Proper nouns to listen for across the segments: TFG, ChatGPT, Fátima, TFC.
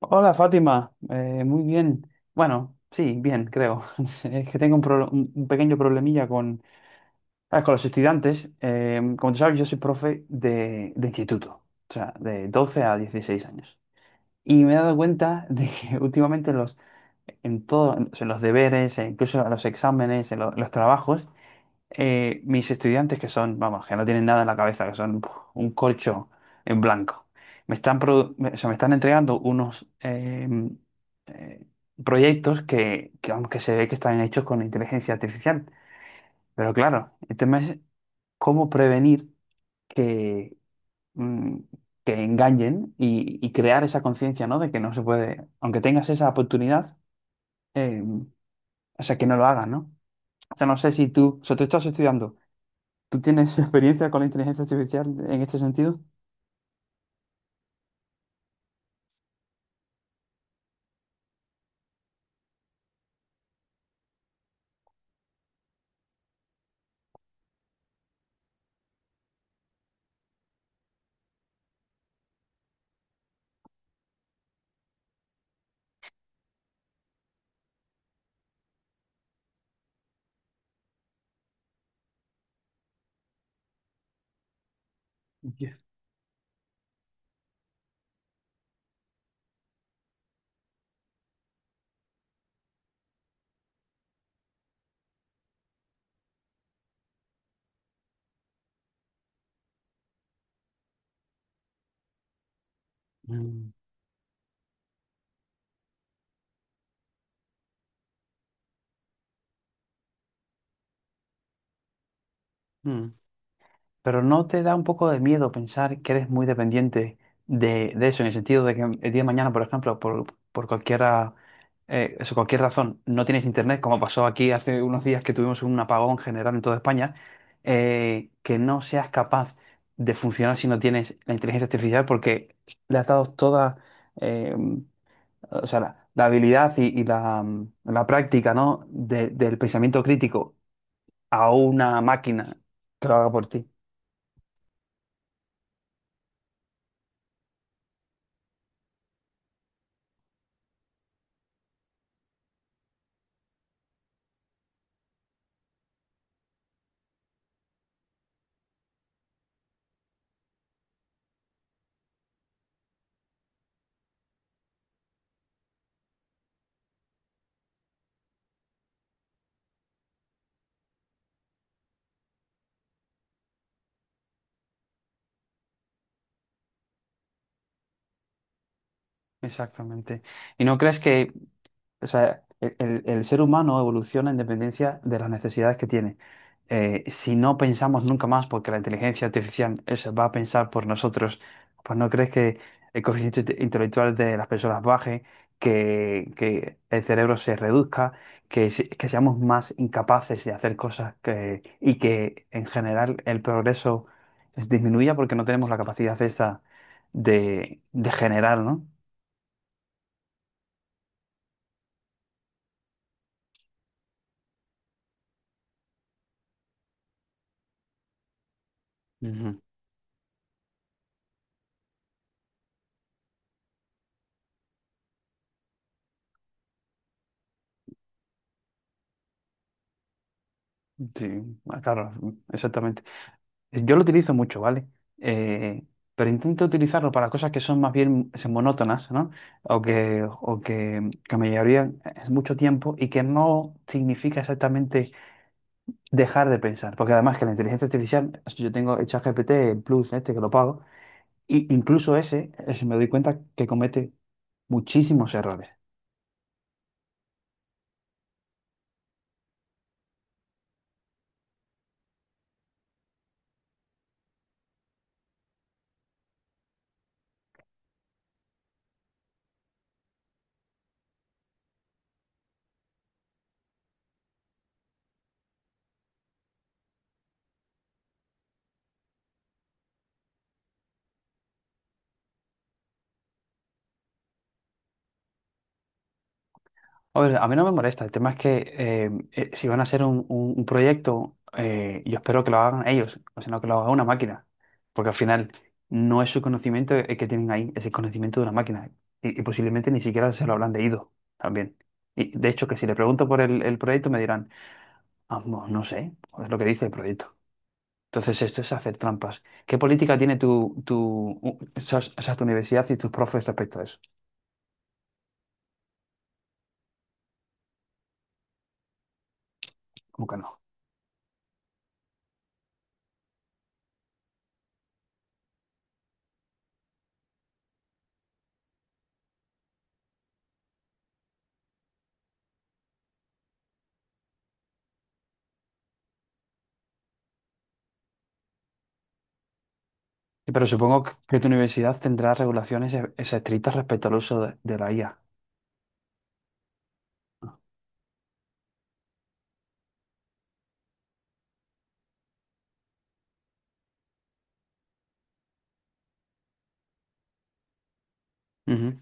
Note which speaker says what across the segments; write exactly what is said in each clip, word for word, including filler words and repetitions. Speaker 1: Hola Fátima, Eh, muy bien. Bueno, sí, bien, creo. Es que tengo un, pro- un- un pequeño problemilla con, ¿sabes? Con los estudiantes. Eh, como tú sabes, yo soy profe de, de instituto, o sea, de doce a dieciséis años. Y me he dado cuenta de que últimamente los, en todo, en o sea, en los deberes, e incluso en los exámenes, en, lo- en los trabajos, eh, mis estudiantes que son, vamos, que no tienen nada en la cabeza, que son puf, un corcho en blanco, me están, produ- me, o sea, me están entregando unos eh, eh, proyectos que, que, aunque se ve que están hechos con inteligencia artificial, pero claro, el tema es cómo prevenir que, mm, que engañen y, y crear esa conciencia, ¿no? De que no se puede, aunque tengas esa oportunidad, eh, o sea, que no lo hagas, ¿no? O sea, no sé si tú, o sea, tú estás estudiando. ¿Tú tienes experiencia con la inteligencia artificial en este sentido? Ya. Mm, mm. Pero ¿no te da un poco de miedo pensar que eres muy dependiente de, de eso, en el sentido de que el día de mañana, por ejemplo, por, por cualquiera, eh, eso, cualquier razón, no tienes internet, como pasó aquí hace unos días que tuvimos un apagón general en toda España, eh, que no seas capaz de funcionar si no tienes la inteligencia artificial porque le has dado toda, eh, o sea, la, la habilidad y, y la, mm, la práctica, ¿no? de- del pensamiento crítico a una máquina que lo haga por ti. Exactamente. ¿Y no crees que O sea, el, el- el ser humano evoluciona en dependencia de las necesidades que tiene. Eh, si no pensamos nunca más porque la inteligencia artificial es- va a pensar por nosotros, pues no crees que el coeficiente inte- intelectual de las personas baje, que, que el cerebro se reduzca, que, se- que seamos más incapaces de hacer cosas que, y que en general el progreso es- disminuya porque no tenemos la capacidad esa de, de generar, ¿no? Ujú. Sí, ah, claro, exactamente. Yo lo utilizo mucho, ¿vale? Eh, pero intento utilizarlo para cosas que son más bien es, monótonas, ¿no? O que, o que, que me llevarían eh, es mucho tiempo y que no significa exactamente dejar de pensar. Porque además que la inteligencia artificial, yo tengo el ChatGPT el Plus este que lo pago, y incluso ese, ese me doy cuenta que comete muchísimos errores. A ver, a mí no me molesta. El tema es que eh, eh, si van a hacer un, un- un proyecto, eh, yo espero que lo hagan ellos, o sea, no que lo haga una máquina, porque al final no es su conocimiento el que tienen ahí, es el conocimiento de una máquina y, y posiblemente ni siquiera se lo habrán leído también. Y de hecho, que si le pregunto por el, el proyecto me dirán, "Ah, no no sé, es lo que dice el proyecto. Entonces esto es hacer trampas. ¿Qué política tiene tu, tu, u- o sea, o sea, tu universidad y tus profes respecto a eso? Como que no. Sí, pero supongo que que tu universidad tendrá regulaciones e- estrictas respecto al uso de, de la I A. Ujú.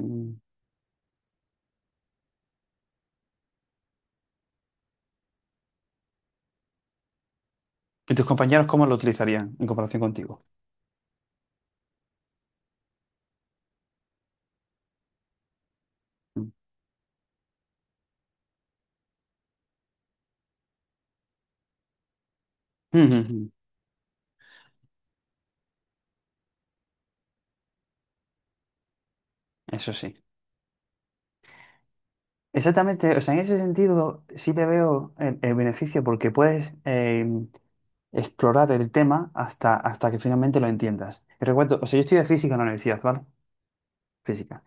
Speaker 1: Mm. ¿Y tus compañeros cómo lo utilizarían en comparación contigo? Mm. Ujú, ujú. Eso sí. Exactamente, o sea, en ese sentido sí le veo el, el beneficio porque puedes eh, explorar el tema hasta, hasta que finalmente lo entiendas. Y recuerdo, o sea, yo estudié física en la universidad, ¿vale? Física.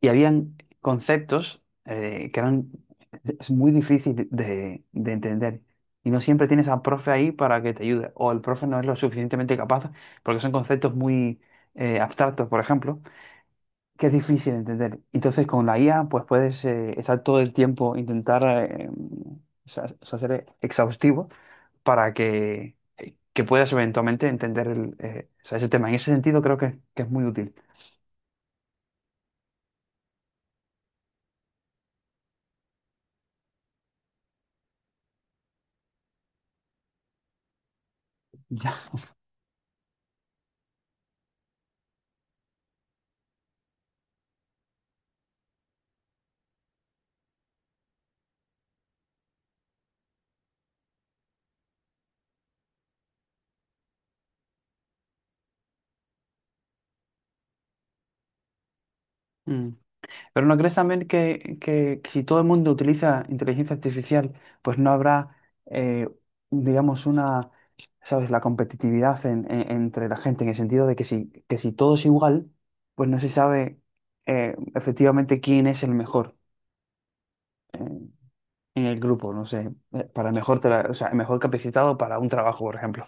Speaker 1: Y habían conceptos eh, que eran es muy difícil de, de entender. Y no siempre tienes al profe ahí para que te ayude. O el profe no es lo suficientemente capaz porque son conceptos muy eh, abstractos, por ejemplo, que es difícil de entender. Entonces con la I A pues puedes eh, estar todo el tiempo, intentar eh, o sea, o sea, ser exhaustivo para que, eh, que puedas eventualmente entender el, eh, o sea, ese tema. En ese sentido creo que, que es muy útil. Ya. Mm. Pero ¿no crees también que, que- si todo el mundo utiliza inteligencia artificial, pues no habrá, eh, digamos, una, ¿sabes?, la competitividad en- en- entre la gente, en el sentido de que si, que si todo es igual, pues no se sabe eh, efectivamente quién es el mejor eh, en el grupo, no sé, eh, para el mejor, tra- o sea, el mejor capacitado para un trabajo, por ejemplo.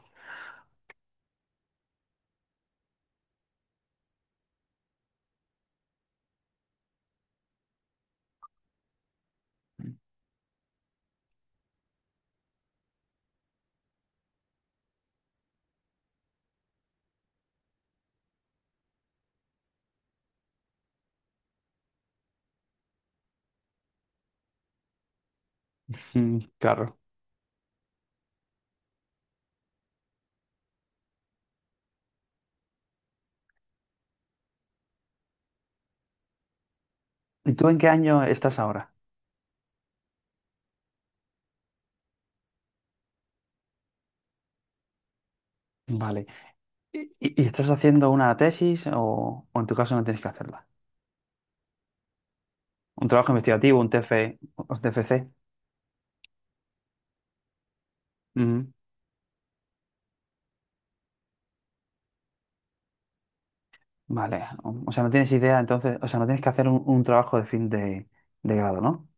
Speaker 1: Mm, claro. ¿Y tú en qué año estás ahora? Vale. ¿Y, y- y estás haciendo una tesis o, o en tu caso no tienes que hacerla? Un trabajo investigativo, un T F, un T F C. Ujú. Vale. O o sea, no tienes idea, entonces, o sea, no tienes que hacer un, un trabajo de fin de, de grado, ¿no?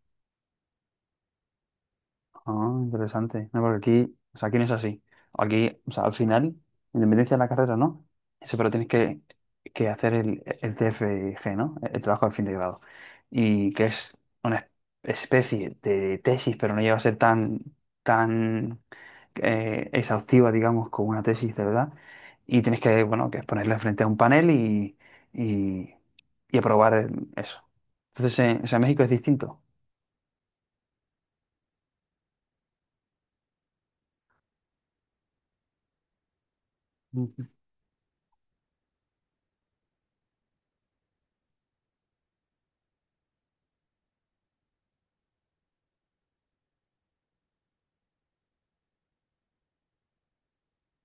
Speaker 1: Ah, interesante. No, porque aquí, o sea, aquí no es así. Aquí, o sea, al final, independencia de la carrera, ¿no? Eso, pero tienes que, que hacer el, el T F G, ¿no? El, el trabajo de fin de grado. Y que es una especie de tesis, pero no llega a ser tan, tan eh, exhaustiva, digamos, como una tesis de verdad. Y tienes que, bueno, que ponerle frente a un panel y, y, y aprobar eh, eso. Entonces, eh, o sea, en México es distinto.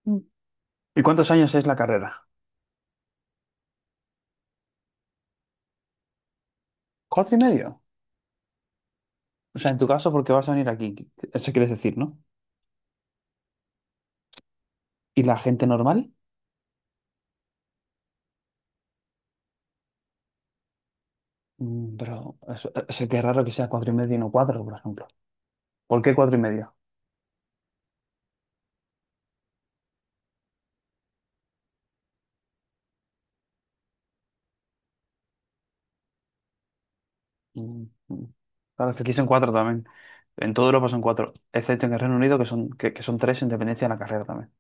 Speaker 1: Ujú. ¿Y cuántos años es la carrera? ¿Cuatro y medio? O sea, en tu caso, porque vas a venir aquí, qu- eso quieres decir, ¿no? ¿Y la gente normal? Mm, pero eso, eso que es raro que sea cuatro y medio y no cuatro, por ejemplo. ¿Por qué cuatro y medio? Mm, mm. Claro, es que aquí son cuatro también. En toda Europa son cuatro, excepto en el Reino Unido, que son, que, que son tres en dependencia de la carrera también.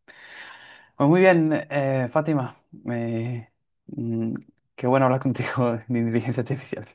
Speaker 1: Pues muy bien, eh, Fátima. me- mm, Qué bueno hablar contigo de inteligencia artificial.